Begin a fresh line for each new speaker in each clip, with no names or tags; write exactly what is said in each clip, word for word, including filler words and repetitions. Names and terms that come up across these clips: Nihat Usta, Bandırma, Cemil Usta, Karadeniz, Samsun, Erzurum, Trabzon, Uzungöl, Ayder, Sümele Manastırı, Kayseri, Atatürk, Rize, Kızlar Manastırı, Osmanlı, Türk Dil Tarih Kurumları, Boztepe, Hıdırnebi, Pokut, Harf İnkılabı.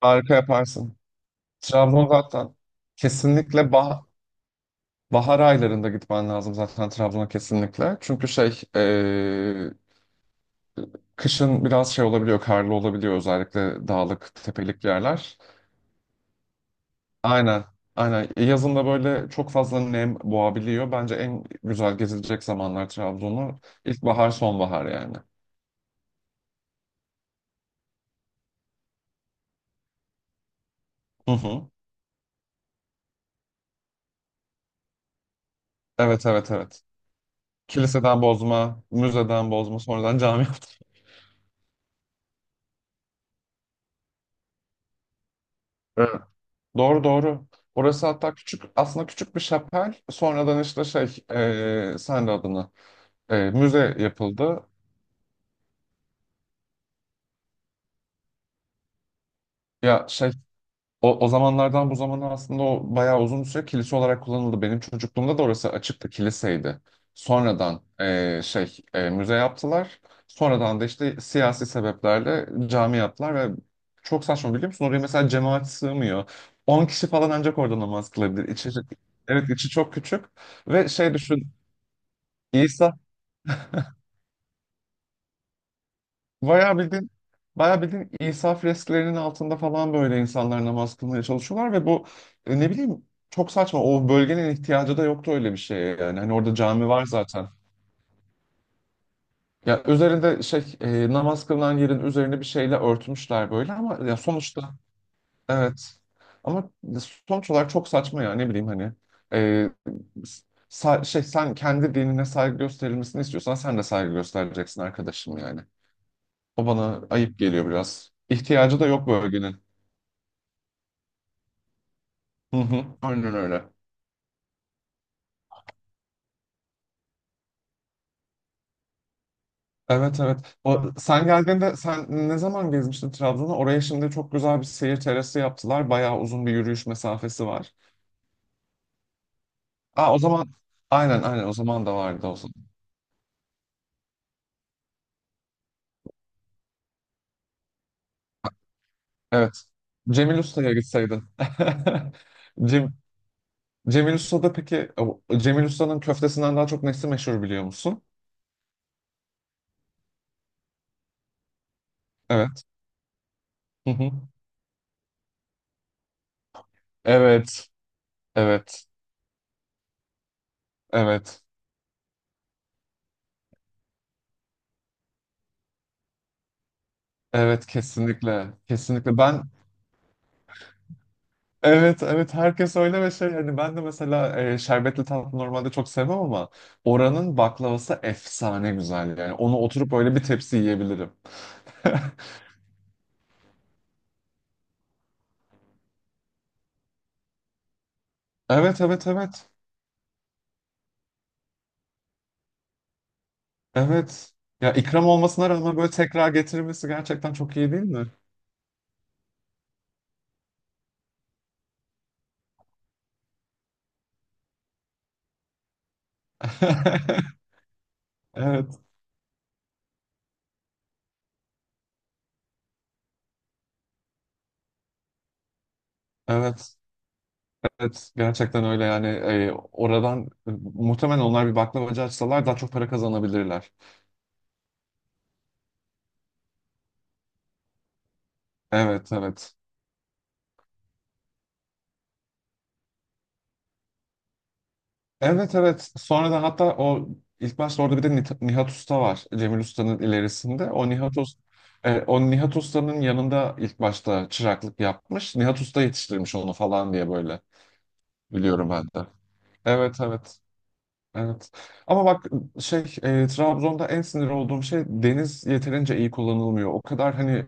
Harika yaparsın. Trabzon zaten kesinlikle bah bahar aylarında gitmen lazım zaten Trabzon'a kesinlikle. Çünkü şey e, kışın biraz şey olabiliyor, karlı olabiliyor özellikle dağlık, tepelik yerler. Aynen, aynen. E, Yazın da böyle çok fazla nem boğabiliyor. Bence en güzel gezilecek zamanlar Trabzon'u ilkbahar, sonbahar yani. Hı hı. Evet, evet, evet. Kiliseden bozma, müzeden bozma, sonradan cami yaptı. Doğru doğru. Orası hatta küçük, aslında küçük bir şapel. Sonradan işte şey e, sen de adını e, müze yapıldı. Ya şey o, o zamanlardan bu zamana aslında o bayağı uzun bir süre kilise olarak kullanıldı. Benim çocukluğumda da orası açıktı, kiliseydi. Sonradan e, şey e, müze yaptılar. Sonradan da işte siyasi sebeplerle cami yaptılar ve çok saçma, biliyor musun? Oraya mesela cemaat sığmıyor. On kişi falan ancak orada namaz kılabilir. İçeri, evet içi çok küçük ve şey düşün, İsa Bayağı bildiğin, bayağı bildiğin İsa fresklerinin altında falan böyle insanlar namaz kılmaya çalışıyorlar ve bu, e, ne bileyim, çok saçma. O bölgenin ihtiyacı da yoktu öyle bir şeye yani. Hani orada cami var zaten. Ya üzerinde şey e, namaz kılınan yerin üzerine bir şeyle örtmüşler böyle ama ya sonuçta evet. Ama sonuç olarak çok saçma ya, ne bileyim hani. E, sa- şey Sen kendi dinine saygı gösterilmesini istiyorsan sen de saygı göstereceksin arkadaşım yani. O bana ayıp geliyor biraz. İhtiyacı da yok bölgenin. Hı hı. Aynen öyle. Evet evet. O, sen geldiğinde, sen ne zaman gezmiştin Trabzon'a? Oraya şimdi çok güzel bir seyir terası yaptılar. Bayağı uzun bir yürüyüş mesafesi var. Aa, o zaman aynen aynen o zaman da vardı o zaman. Evet. Cemil Usta'ya gitseydin. Cem, Cemil Usta'da peki o- Cemil Usta'nın köftesinden daha çok nesi meşhur biliyor musun? Evet. Hı hı. Evet. Evet. Evet. Evet kesinlikle. Kesinlikle. Ben Evet, evet, herkes öyle ve şey hani ben de mesela e, şerbetli tatlı normalde çok sevmem ama oranın baklavası efsane güzel yani, onu oturup böyle bir tepsi yiyebilirim. Evet, evet, evet, evet. Ya ikram olmasına rağmen böyle tekrar getirilmesi gerçekten çok iyi değil mi? Evet, evet, evet. Gerçekten öyle yani, e, oradan e, muhtemelen onlar bir baklavacı açsalar daha çok para kazanabilirler. Evet, evet. Evet evet. Sonradan hatta o ilk başta orada bir de Nit- Nihat Usta var. Cemil Usta'nın ilerisinde. O Nihat Usta, o Nihat Usta'nın yanında ilk başta çıraklık yapmış. Nihat Usta yetiştirmiş onu falan diye böyle biliyorum ben de. Evet evet. Evet. Ama bak, şey e, Trabzon'da en sinir olduğum şey, deniz yeterince iyi kullanılmıyor. O kadar hani,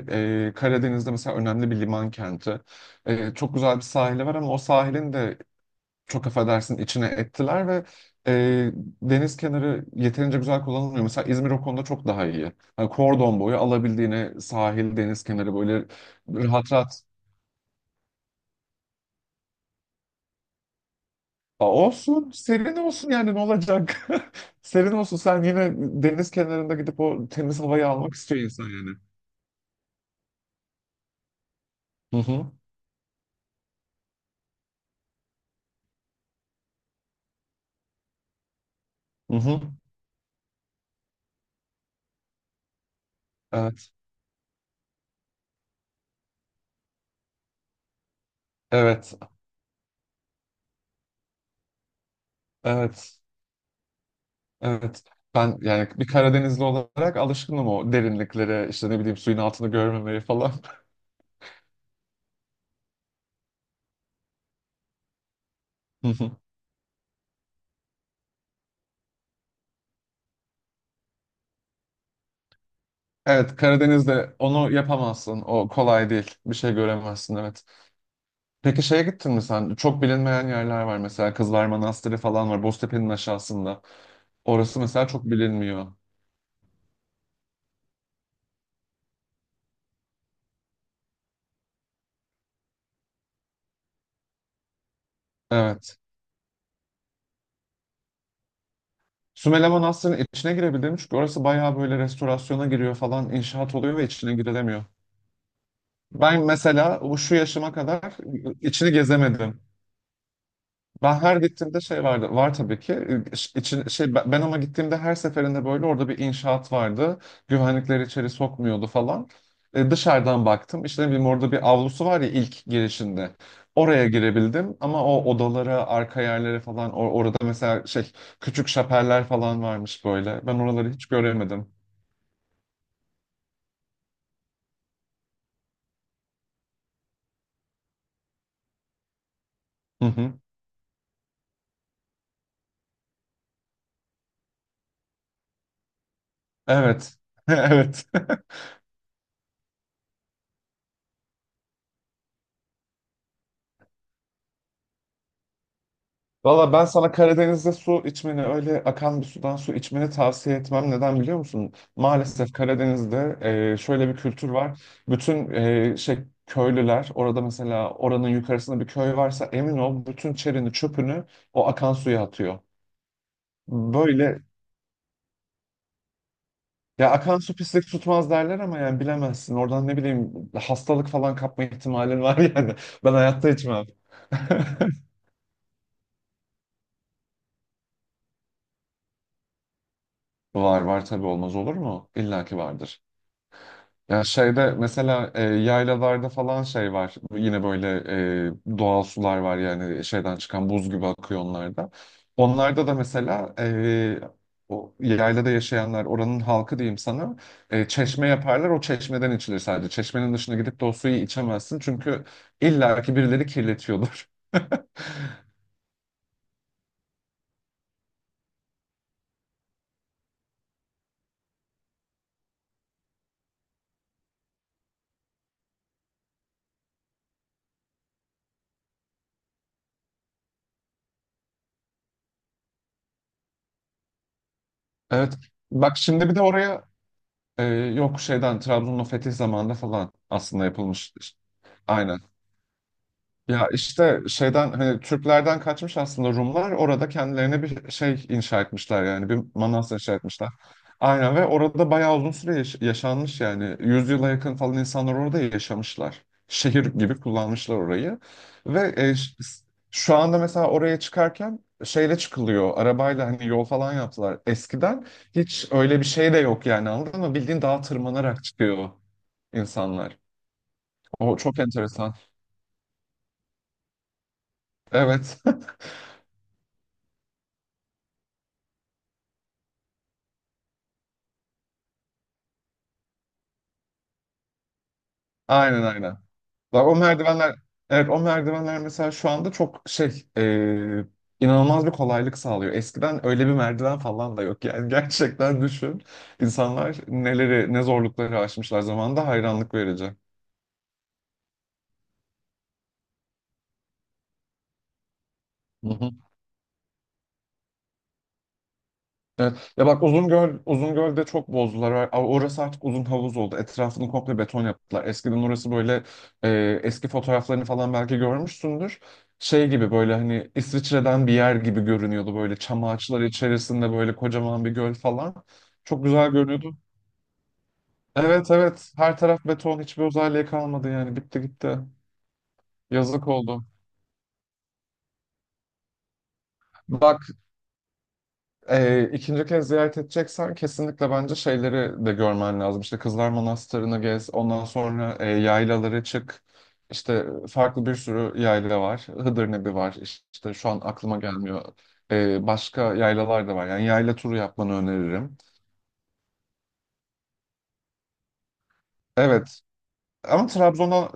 e, Karadeniz'de mesela önemli bir liman kenti. E, çok güzel bir sahili var ama o sahilin de çok affedersin içine ettiler ve e, deniz kenarı yeterince güzel kullanılmıyor. Mesela İzmir o konuda çok daha iyi. Hani kordon boyu alabildiğine sahil, deniz kenarı böyle rahat rahat Aa, olsun, serin olsun yani ne olacak? Serin olsun, sen yine deniz kenarında gidip o temiz havayı almak istiyor insan yani. Hı hı, hı hı. Evet, evet, evet, evet. Ben yani bir Karadenizli olarak alışkınım o derinliklere, işte ne bileyim suyun altını görmemeye falan. Evet, Karadeniz'de onu yapamazsın. O kolay değil. Bir şey göremezsin evet. Peki şeye gittin mi sen? Çok bilinmeyen yerler var mesela. Kızlar Manastırı falan var. Boztepe'nin aşağısında. Orası mesela çok bilinmiyor. Evet. Sümele Manastırı'nın içine girebildim çünkü orası bayağı böyle restorasyona giriyor falan, inşaat oluyor ve içine girilemiyor. Ben mesela bu şu yaşıma kadar içini gezemedim. Ben her gittiğimde şey vardı. Var tabii ki. Ee, iç- için- şey ben ben ama gittiğimde her seferinde böyle orada bir inşaat vardı. Güvenlikleri içeri sokmuyordu falan. Ee, dışarıdan baktım. İşte ne bileyim orada bir avlusu var ya ilk girişinde. Oraya girebildim ama o odalara, arka yerlere falan, or- orada mesela şey, küçük şapeller falan varmış böyle. Ben oraları hiç göremedim. Hı hı. Evet. Evet. Valla ben sana Karadeniz'de su içmeni, öyle akan bir sudan su içmeni tavsiye etmem. Neden biliyor musun? Maalesef Karadeniz'de e, şöyle bir kültür var. Bütün e, şey köylüler orada mesela oranın yukarısında bir köy varsa emin ol bütün çerini çöpünü o akan suya atıyor. Böyle ya, akan su pislik tutmaz derler ama yani bilemezsin. Oradan ne bileyim, hastalık falan kapma ihtimalin var yani. Ben hayatta içmem. Var var tabii, olmaz olur mu? İlla ki vardır. Ya şeyde mesela e, yaylalarda falan şey var. Yine böyle e, doğal sular var yani şeyden çıkan, buz gibi akıyor onlarda. Onlarda da mesela e, o yaylada yaşayanlar, oranın halkı diyeyim sana, e, çeşme yaparlar, o çeşmeden içilir sadece. Çeşmenin dışına gidip de o suyu içemezsin çünkü illaki birileri kirletiyordur. Evet. Bak şimdi bir de oraya e, yok, şeyden Trabzon'un o fethi zamanında falan aslında yapılmış. Aynen. Ya işte şeyden hani Türklerden kaçmış aslında Rumlar, orada kendilerine bir şey inşa etmişler yani bir manastır inşa etmişler. Aynen ve orada bayağı uzun süre yaş- yaşanmış yani yüz yakın falan insanlar orada yaşamışlar. Şehir gibi kullanmışlar orayı. Ve e, ş- şu anda mesela oraya çıkarken şeyle çıkılıyor arabayla, hani yol falan yaptılar. Eskiden hiç öyle bir şey de yok yani, anladın mı? Bildiğin dağa tırmanarak çıkıyor insanlar. O çok enteresan. Evet aynen aynen. Bak o merdivenler, evet o merdivenler mesela şu anda çok şey, e, inanılmaz bir kolaylık sağlıyor. Eskiden öyle bir merdiven falan da yok. Yani gerçekten düşün. İnsanlar neleri, ne zorlukları aşmışlar zamanında, hayranlık verici. Hı hı. Evet. Ya bak Uzungöl, Uzungöl'de çok bozdular. A- Orası artık uzun havuz oldu. Etrafını komple beton yaptılar. Eskiden orası böyle, e, eski fotoğraflarını falan belki görmüşsündür. Şey gibi, böyle hani İsviçre'den bir yer gibi görünüyordu. Böyle çam ağaçları içerisinde böyle kocaman bir göl falan. Çok güzel görünüyordu. Evet evet, her taraf beton, hiçbir özelliği kalmadı yani, bitti gitti. Yazık oldu. Bak E, ikinci kez ziyaret edeceksen kesinlikle bence şeyleri de görmen lazım. İşte Kızlar Manastırı'nı gez, ondan sonra e, yaylalara çık. İşte farklı bir sürü yayla var. Hıdırnebi var. İşte şu an aklıma gelmiyor. E, başka yaylalar da var. Yani yayla turu yapmanı öneririm. Evet. Ama Trabzon'a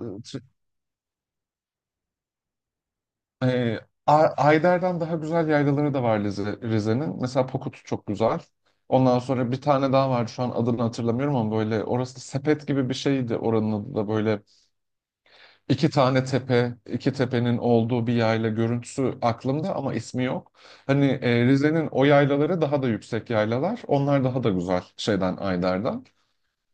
Ee, A- Ayder'den daha güzel yaylaları da var Rize- Rize'nin. Mesela Pokut çok güzel. Ondan sonra bir tane daha vardı, şu an adını hatırlamıyorum ama böyle, orası da sepet gibi bir şeydi, oranın adı da böyle iki tane tepe, iki tepenin olduğu bir yayla görüntüsü aklımda ama ismi yok. Hani e, Rize'nin o yaylaları daha da yüksek yaylalar. Onlar daha da güzel şeyden, Ayder'den.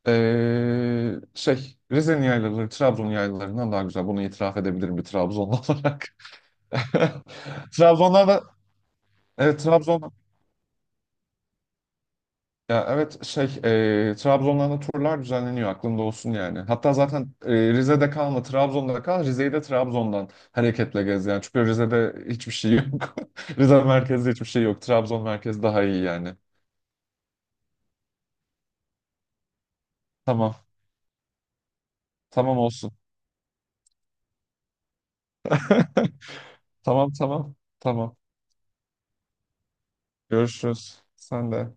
Ee, şey Rize'nin yaylaları Trabzon yaylalarından daha güzel. Bunu itiraf edebilirim bir Trabzonlu olarak. Trabzon'dan Evet Trabzon ya evet şey, e, Trabzon'dan da turlar düzenleniyor, aklında olsun yani. Hatta zaten e, Rize'de kalma, Trabzon'da kal, Rize'yi de Trabzon'dan hareketle gez yani. Çünkü Rize'de hiçbir şey yok. Rize merkezde hiçbir şey yok. Trabzon merkezi daha iyi yani. Tamam. Tamam olsun. Tamam tamam. Tamam. Görüşürüz. Sen de.